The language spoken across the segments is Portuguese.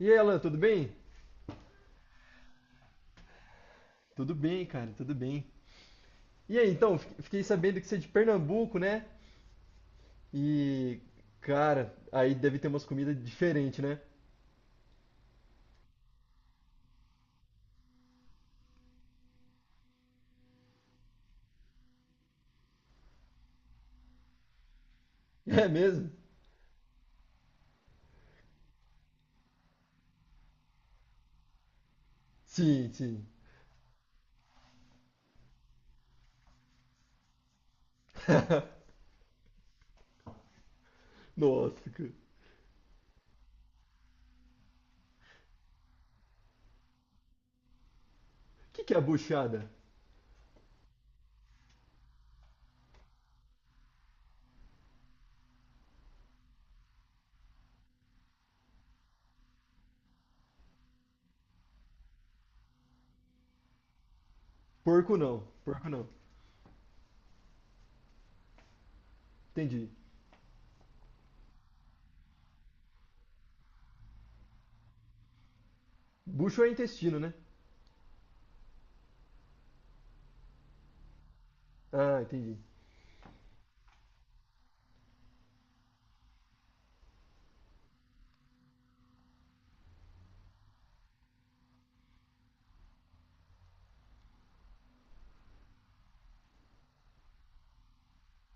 E aí, Alan, tudo bem? Tudo bem, cara, tudo bem. E aí, então, fiquei sabendo que você é de Pernambuco, né? E, cara, aí deve ter umas comidas diferentes, né? É mesmo? Sim, sim. Nossa, cara. O que que é buchada? Porco não, porco não. Entendi. Bucho é intestino, né? Ah, entendi.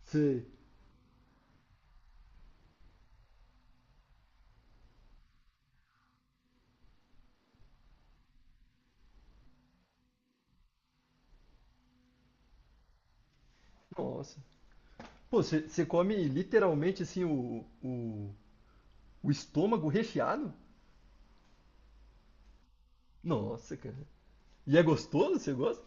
Sei. Nossa. Pô, você come literalmente assim o estômago recheado? Nossa, cara. E é gostoso? Você gosta?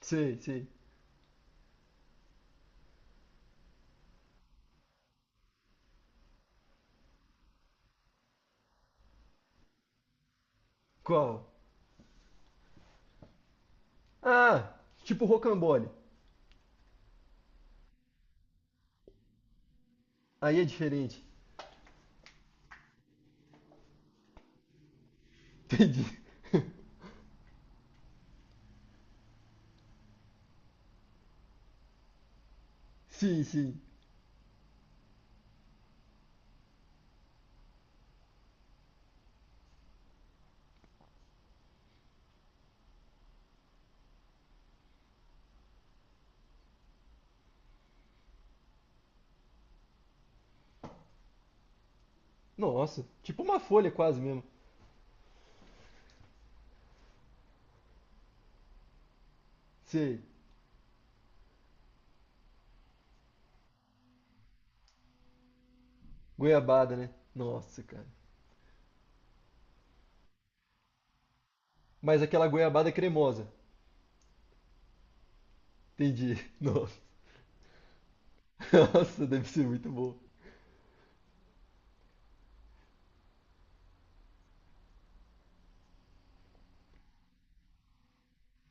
Sei, sei. Qual? Ah, tipo rocambole. Aí é diferente. Entendi. Sim, sim. Nossa, tipo uma folha quase mesmo. Sei. Goiabada, né? Nossa, cara. Mas aquela goiabada cremosa. Entendi. Nossa. Nossa, deve ser muito bom.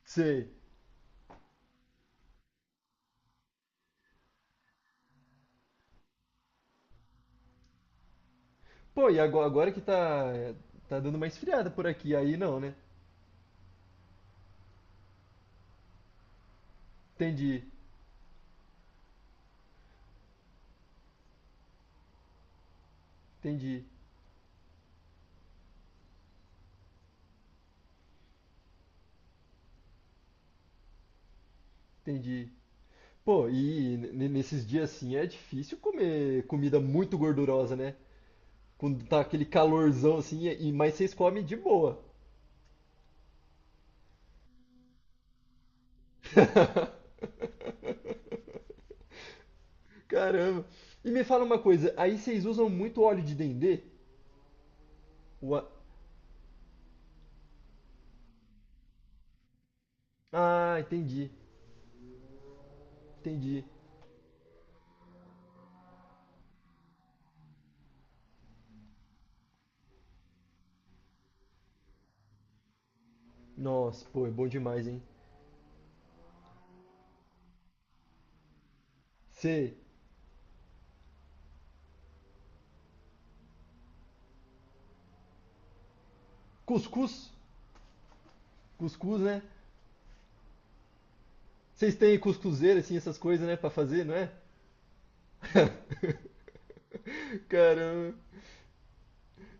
Sei. Pô, e agora que tá, tá dando uma esfriada por aqui, aí não, né? Entendi, entendi, entendi. Pô, e nesses dias assim é difícil comer comida muito gordurosa, né? Quando tá aquele calorzão assim, e, mas vocês comem de boa. Caramba. E me fala uma coisa, aí vocês usam muito óleo de dendê? O a- Ah, entendi, entendi. Nossa, pô, é bom demais, hein? Cê... Cuscuz? Cuscuz, né? Vocês têm cuscuzeira, assim, essas coisas, né, pra fazer, não é? Caramba.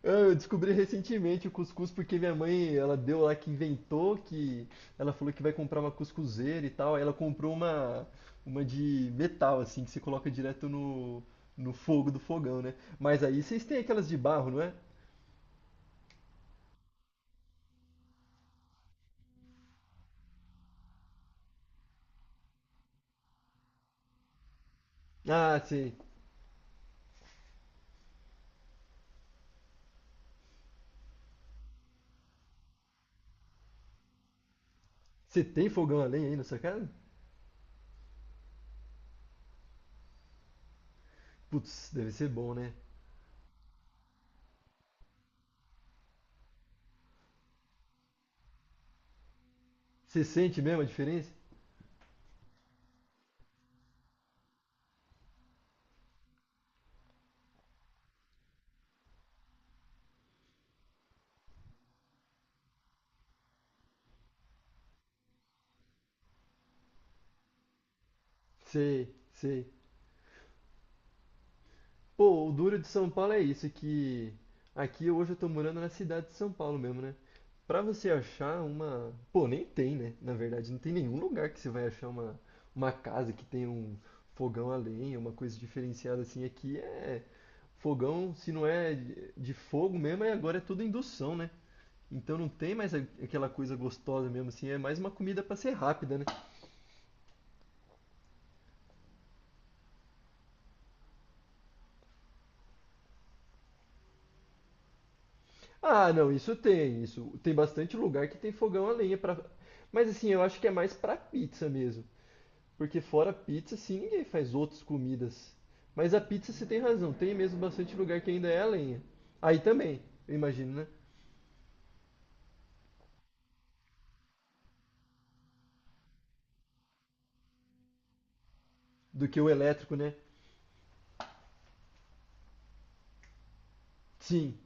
Ah, eu descobri recentemente o cuscuz porque minha mãe, ela deu lá que inventou que ela falou que vai comprar uma cuscuzeira e tal, aí ela comprou uma de metal assim que você coloca direto no no fogo do fogão, né? Mas aí vocês têm aquelas de barro, não é? Ah, sim. Você tem fogão a lenha aí na sua casa? Putz, deve ser bom, né? Você sente mesmo a diferença? Sei, sei. Pô, o duro de São Paulo é isso, que aqui hoje eu tô morando na cidade de São Paulo mesmo, né? Pra você achar uma. Pô, nem tem, né? Na verdade, não tem nenhum lugar que você vai achar uma casa que tenha um fogão a lenha, uma coisa diferenciada assim. Aqui é fogão, se não é de fogo mesmo, aí agora é tudo indução, né? Então não tem mais aquela coisa gostosa mesmo assim, é mais uma comida pra ser rápida, né? Ah, não, isso. Tem bastante lugar que tem fogão a lenha para, mas assim, eu acho que é mais para pizza mesmo. Porque fora pizza, sim, ninguém faz outras comidas. Mas a pizza você tem razão, tem mesmo bastante lugar que ainda é a lenha. Aí também, eu imagino, né? Do que o elétrico, né? Sim.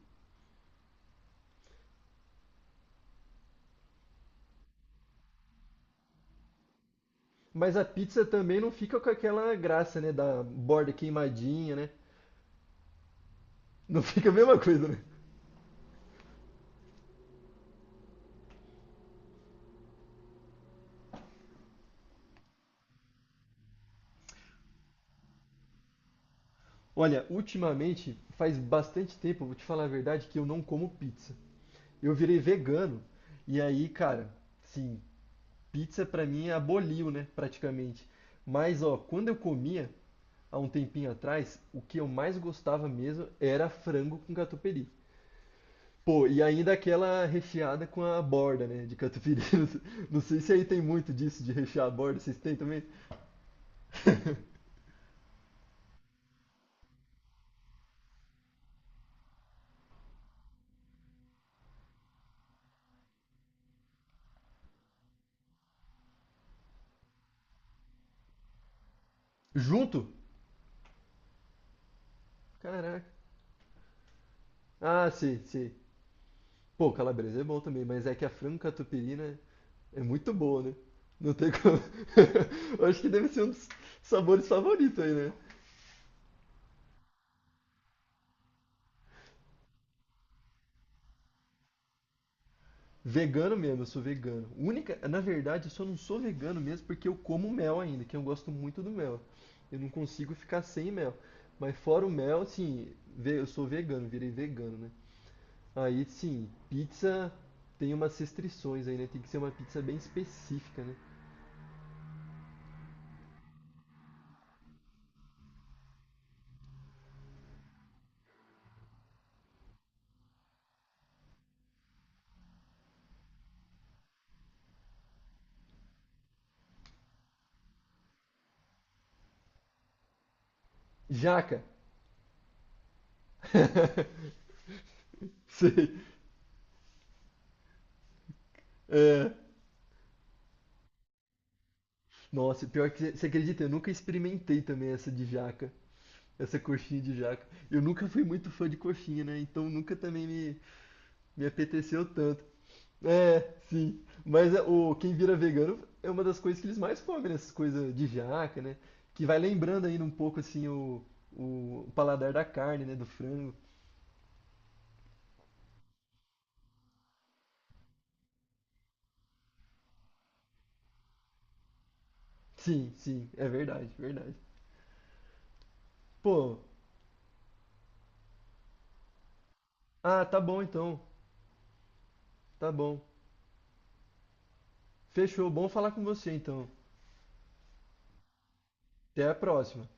Mas a pizza também não fica com aquela graça, né? Da borda queimadinha, né? Não fica a mesma coisa, né? Olha, ultimamente faz bastante tempo, vou te falar a verdade, que eu não como pizza. Eu virei vegano. E aí, cara, sim, pizza pra mim aboliu, né, praticamente. Mas, ó, quando eu comia, há um tempinho atrás, o que eu mais gostava mesmo era frango com catupiry. Pô, e ainda aquela recheada com a borda, né, de catupiry. Não sei se aí tem muito disso de rechear a borda, vocês têm também? Junto? Caraca. Ah, sei, sei. Pô, calabresa é bom também, mas é que a frango catupiry, né, é muito boa, né? Não tem como. Eu acho que deve ser um dos sabores favoritos aí, né? Vegano mesmo, eu sou vegano. Única, na verdade, eu só não sou vegano mesmo porque eu como mel ainda, que eu gosto muito do mel. Eu não consigo ficar sem mel. Mas fora o mel, sim. Eu sou vegano, virei vegano, né? Aí, sim, pizza tem umas restrições aí, né? Tem que ser uma pizza bem específica, né? Jaca. Sei. É, nossa, pior que você acredita, eu nunca experimentei também essa de jaca, essa coxinha de jaca. Eu nunca fui muito fã de coxinha, né? Então nunca também me apeteceu tanto. É, sim. Mas é, o quem vira vegano é uma das coisas que eles mais comem, né? Essas coisas de jaca, né? Que vai lembrando ainda um pouco assim o paladar da carne, né? Do frango. Sim, sim, é verdade, verdade. Pô, ah, tá bom então, tá bom. Fechou, bom falar com você então. Até a próxima.